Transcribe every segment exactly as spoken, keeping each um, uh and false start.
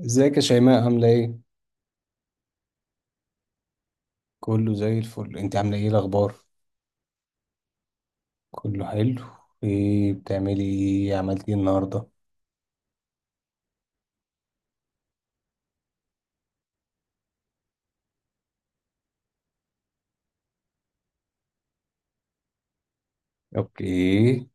ازيك يا شيماء؟ عاملة ايه؟ كله زي الفل، انت عاملة ايه؟ الأخبار؟ كله حلو. ايه بتعملي ايه عملتي ايه النهاردة؟ اوكي.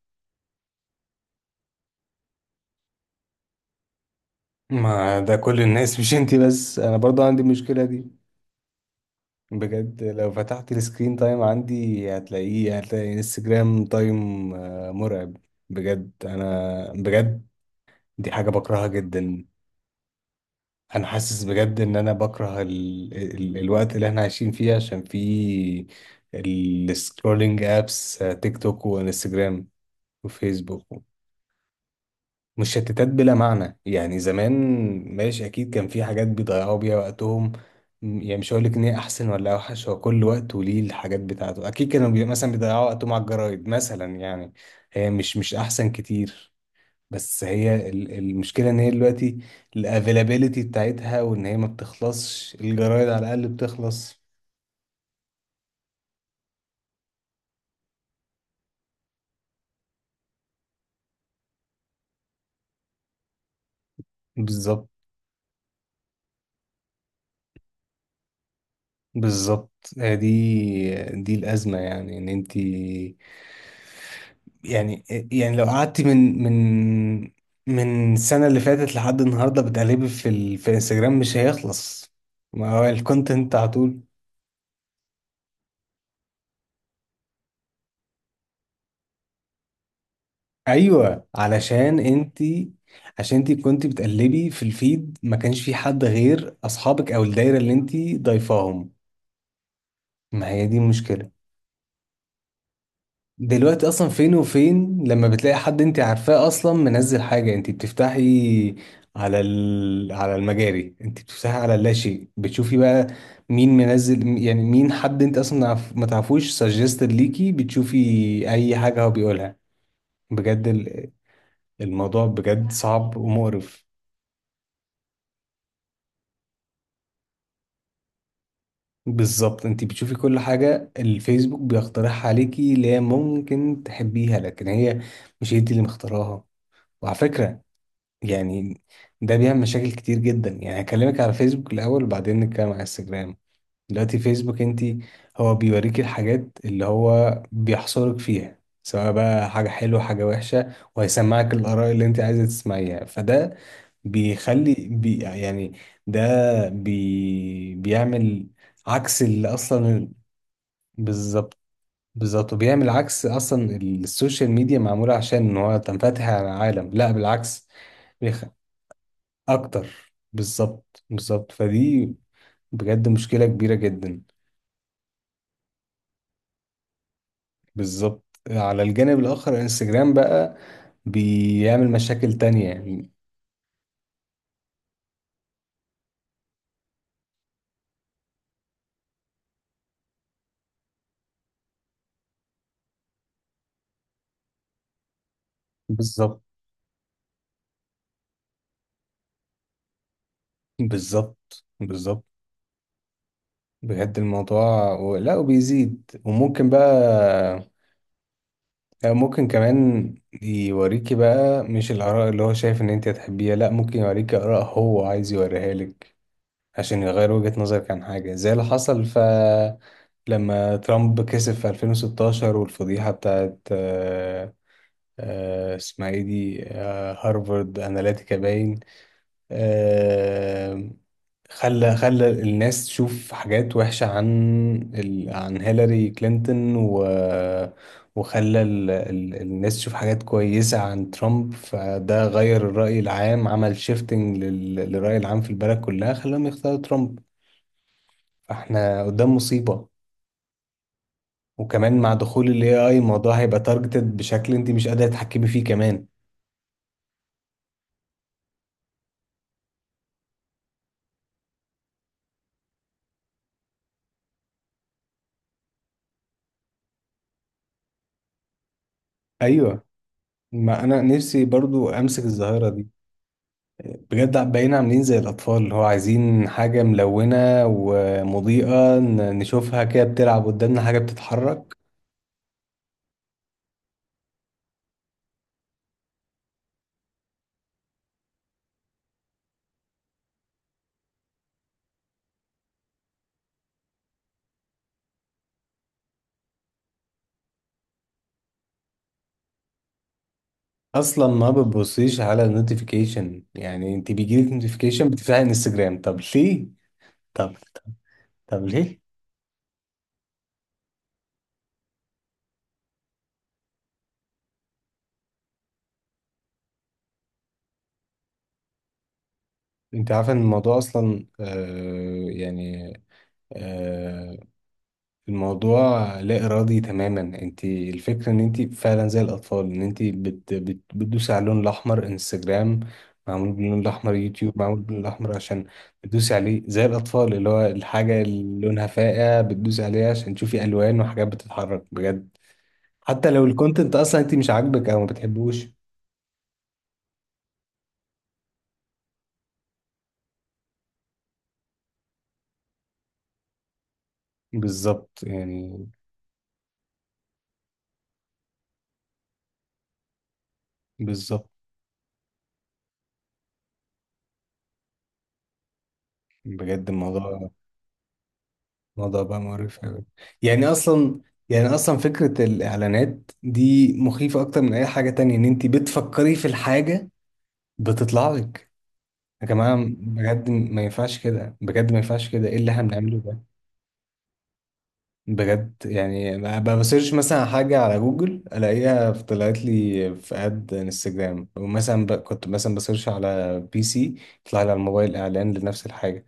ما ده كل الناس، مش انت بس، انا برضه عندي المشكلة دي. بجد لو فتحت السكرين تايم عندي، هتلاقيه، هتلاقي انستجرام تايم آه، مرعب. بجد، انا بجد، دي حاجة بكرهها جدا. انا حاسس بجد ان انا بكره ال... ال... الوقت اللي احنا عايشين فيه، عشان فيه السكرولينج، ابس تيك توك وانستجرام وفيسبوك و- مشتتات بلا معنى. يعني زمان، ماشي، اكيد كان في حاجات بيضيعوا بيها وقتهم. م- يعني مش هقول لك ان هي احسن ولا اوحش، هو كل وقت وليه الحاجات بتاعته، اكيد كانوا بي... مثلا بيضيعوا وقتهم على الجرايد مثلا، يعني هي مش مش احسن كتير. بس هي ال- المشكلة ان هي دلوقتي الافيلابيلتي بتاعتها، وان هي ما بتخلصش، الجرايد على الاقل بتخلص. بالظبط، بالظبط. آه، دي دي الازمة، يعني ان انت، يعني يعني لو قعدتي من من من السنة اللي فاتت لحد النهاردة بتقلبي في ال... في انستجرام، مش هيخلص، ما هو الكونتنت على طول. ايوه علشان انتي، عشان انتي كنتي بتقلبي في الفيد، ما كانش في حد غير اصحابك او الدايره اللي انتي ضايفاهم. ما هي دي المشكله. دلوقتي اصلا فين وفين لما بتلاقي حد انتي عارفاه اصلا منزل حاجه، انتي بتفتحي على ال... على المجاري، انتي بتفتحي على اللاشيء، بتشوفي بقى مين منزل، يعني مين؟ حد انت اصلا ما تعرف- ما تعرفوش، سجستد ليكي، بتشوفي اي حاجه هو بيقولها. بجد ال- الموضوع بجد صعب ومقرف. بالظبط، انت بتشوفي كل حاجة الفيسبوك بيقترحها عليكي، اللي هي ممكن تحبيها، لكن هي مش انت اللي مختاراها. وعلى فكرة، يعني ده بيعمل مشاكل كتير جدا، يعني هكلمك على فيسبوك الأول وبعدين نتكلم على انستجرام. دلوقتي فيسبوك انت، هو بيوريكي الحاجات اللي هو بيحصرك فيها، سواء بقى حاجة حلوة حاجة وحشة، وهيسمعك الآراء اللي انت عايزة تسمعيها، فده بيخلي بي يعني، ده بي بيعمل عكس اللي اصلا. بالظبط، بالظبط، وبيعمل عكس اصلا، السوشيال ميديا معموله عشان ان هو تنفتح على العالم، لا بالعكس. بيخ... اكتر، بالظبط، بالظبط، فدي بجد مشكله كبيره جدا. بالظبط. على الجانب الاخر، انستجرام بقى بيعمل مشاكل تانية يعني. بالظبط، بالظبط، بالظبط. بجد الموضوع و... لا وبيزيد، وممكن بقى، آه، ممكن كمان يوريكي بقى مش الآراء اللي هو شايف إن أنت هتحبيها، لأ، ممكن يوريكي آراء هو عايز يوريها لك، عشان يغير وجهة نظرك عن حاجة، زي اللي حصل ف لما ترامب كسب في ألفين وستاشر، والفضيحة بتاعت آه، آه، اسمها ايه دي، آه، هارفارد أناليتيكا باين، آه، خلى خلى الناس تشوف حاجات وحشة عن ال... عن هيلاري كلينتون، و... وخلى ال... ال... الناس تشوف حاجات كويسة عن ترامب، فده غير الرأي العام، عمل شيفتنج لل... للرأي العام في البلد كلها، خلاهم يختاروا ترامب، فاحنا قدام مصيبة. وكمان مع دخول ال إيه آي، الموضوع هيبقى تارجتد بشكل انت مش قادرة تتحكمي فيه كمان. ايوه، ما انا نفسي برضو امسك الظاهرة دي. بجد بقينا عاملين زي الأطفال اللي هو عايزين حاجة ملونة ومضيئة، ن- نشوفها كده بتلعب قدامنا، حاجة بتتحرك. أصلا ما بتبصيش على النوتيفيكيشن، يعني أنت بيجيلك نوتيفيكيشن بتفتحي انستجرام؟ طب ليه؟ طب، طب، طب ليه؟ أنت عارفة إن الموضوع أصلا، آه يعني، آه، الموضوع لا إرادي تماما. انت الفكرة ان انت فعلا زي الأطفال، ان انت بت بت بتدوسي على اللون الأحمر. انستجرام معمول باللون الأحمر، يوتيوب معمول باللون الأحمر، عشان بتدوسي عليه زي الأطفال، اللي هو الحاجة اللي لونها فاقع بتدوسي عليها عشان تشوفي ألوان وحاجات بتتحرك. بجد حتى لو الكونتنت أصلا انت مش عاجبك أو ما بتحبوش. بالظبط يعني، بالظبط. بجد الموضوع، الموضوع بقى مقرف أوي. يعني أصلا، يعني أصلا فكرة الإعلانات دي مخيفة أكتر من أي حاجة تانية، إن أنت بتفكري في الحاجة بتطلع لك. يا جماعة بجد ما ينفعش كده، بجد ما ينفعش كده، إيه اللي إحنا بنعمله ده؟ بجد يعني، ب- بسيرش مثلا حاجة على جوجل، ألاقيها طلعت لي في أد انستجرام، ومثلا ب... كنت مثلا بسيرش على بي سي، يطلع لي على الموبايل إعلان لنفس الحاجة.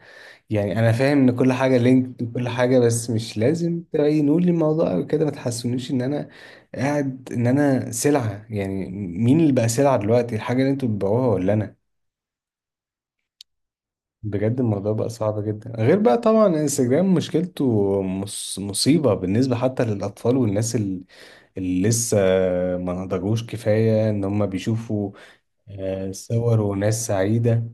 يعني انا فاهم ان كل حاجه لينكد وكل حاجه، بس مش لازم تبينوا لي الموضوع أوي كده، ما تحسونيش ان انا قاعد، ان انا سلعه. يعني مين اللي بقى سلعه دلوقتي؟ الحاجه اللي انتوا بتبيعوها ولا انا؟ بجد الموضوع بقى صعب جدا، غير بقى طبعا انستجرام مشكلته، مص- مصيبه بالنسبه حتى للاطفال والناس ال- اللي لسه ما نضجوش كفايه، ان هم بيشوفوا آه، صور وناس سعيده.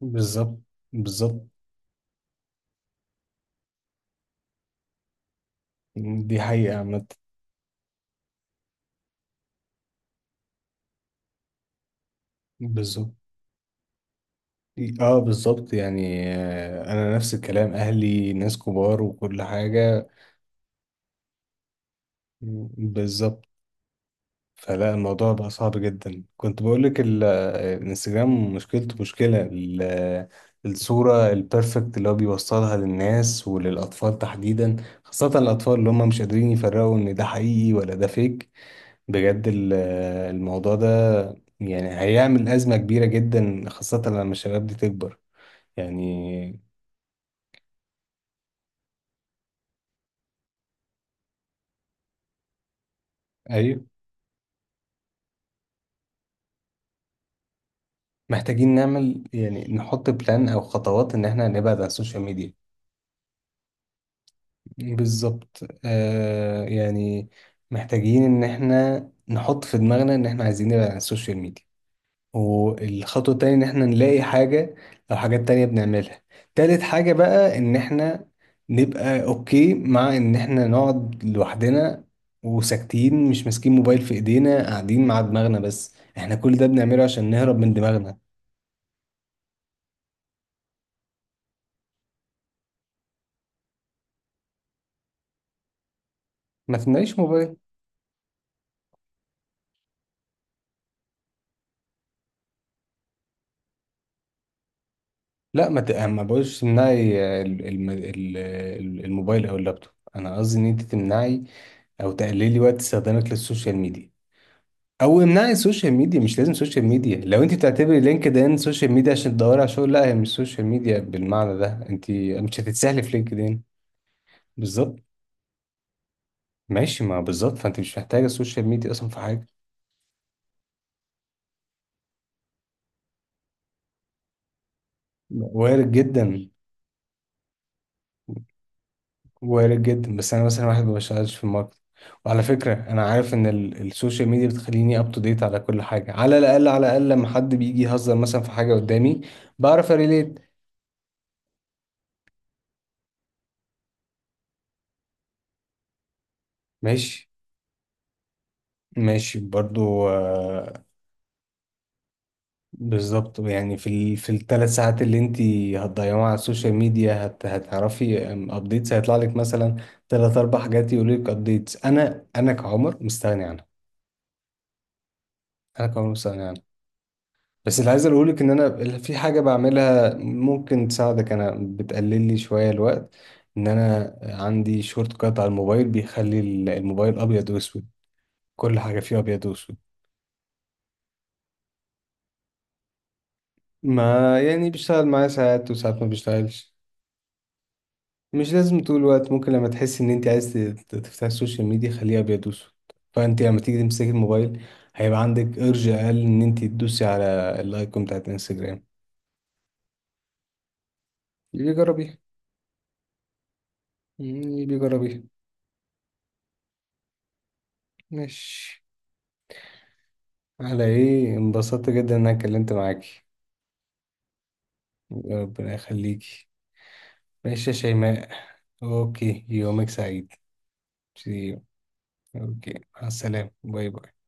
بالظبط، بالظبط. دي حقيقه عامه. بالظبط. اه، بالظبط يعني، آه، انا نفس الكلام، اهلي ناس كبار وكل حاجة. بالظبط. فلا، الموضوع بقى صعب جدا. كنت بقولك ال- آه، الانستجرام مشكلته، مشكلة ال- آه، الصورة البيرفكت اللي هو بيوصلها للناس وللأطفال تحديدا، خاصة الأطفال اللي هم مش قادرين يفرقوا إن ده حقيقي ولا ده فيك. بجد ال- آه، الموضوع ده يعني هيعمل أزمة كبيرة جدا، خاصة لما الشباب دي تكبر. يعني، أيوة. محتاجين نعمل، يعني نحط بلان او خطوات، ان احنا نبعد عن السوشيال ميديا. بالظبط آه يعني، محتاجين ان احنا نحط في دماغنا ان احنا عايزين نبعد عن السوشيال ميديا، والخطوة التانية ان احنا نلاقي حاجة او حاجات تانية بنعملها، تالت حاجة بقى ان احنا نبقى اوكي مع ان احنا نقعد لوحدنا وساكتين، مش ماسكين موبايل في ايدينا، قاعدين مع دماغنا بس، احنا كل ده بنعمله عشان نهرب من دماغنا. ما تمنعيش موبايل، لا ما ت- آه، ما بقولش تمنعي آه، ال- الم- ال- ال- الموبايل او اللابتوب، انا قصدي ان انت تمنعي او تقللي وقت استخدامك للسوشيال ميديا، او امنعي السوشيال ميديا. مش لازم سوشيال ميديا، لو انت بتعتبري لينكد ان سوشيال ميديا عشان تدوري على شغل، لا هي مش سوشيال ميديا بالمعنى ده، انت مش هتتسهلي في لينكد ان. بالظبط، ماشي ما بالظبط، فانت مش محتاجه السوشيال ميديا اصلا في حاجه. وارد جدا. وارد جدا، بس انا مثلا واحد ما بشتغلش في الماركت، وعلى فكره انا عارف ان ال- السوشيال ميديا بتخليني اب تو ديت على كل حاجه، على الاقل، على الاقل لما حد بيجي يهزر مثلا في حاجه قدامي بعرف اريليت. ماشي، ماشي برضو، آه، بالظبط يعني، في ال... في الثلاث ساعات اللي انت هتضيعوها على السوشيال ميديا، هت... هتعرفي ابديتس، هيطلع لك مثلا ثلاث اربع حاجات، يقول لك ابديتس، انا انا كعمر مستغني عنها، انا كعمر مستغني عنها. بس اللي عايز اقولك ان انا في حاجه بعملها ممكن تساعدك، انا بتقلل لي شويه الوقت، ان انا عندي شورت كات على الموبايل بيخلي ال- الموبايل ابيض واسود، كل حاجه فيه ابيض واسود. ما يعني بيشتغل معايا ساعات وساعات ما بيشتغلش، مش لازم طول الوقت، ممكن لما تحس ان انت عايز ت- ت- تفتح السوشيال ميديا خليه ابيض واسود، فانت لما تيجي تمسكي الموبايل هيبقى عندك ارج اقل ان انت تدوسي على الايكون بتاعت الانستجرام. يبقى جربيها، يبقى جربيها. ماشي، على ايه، انبسطت جدا ان انا اتكلمت معاكي. ربنا يخليكي. ماشي يا شيماء، اوكي، يومك سعيد. See you. اوكي، مع السلامة، باي باي.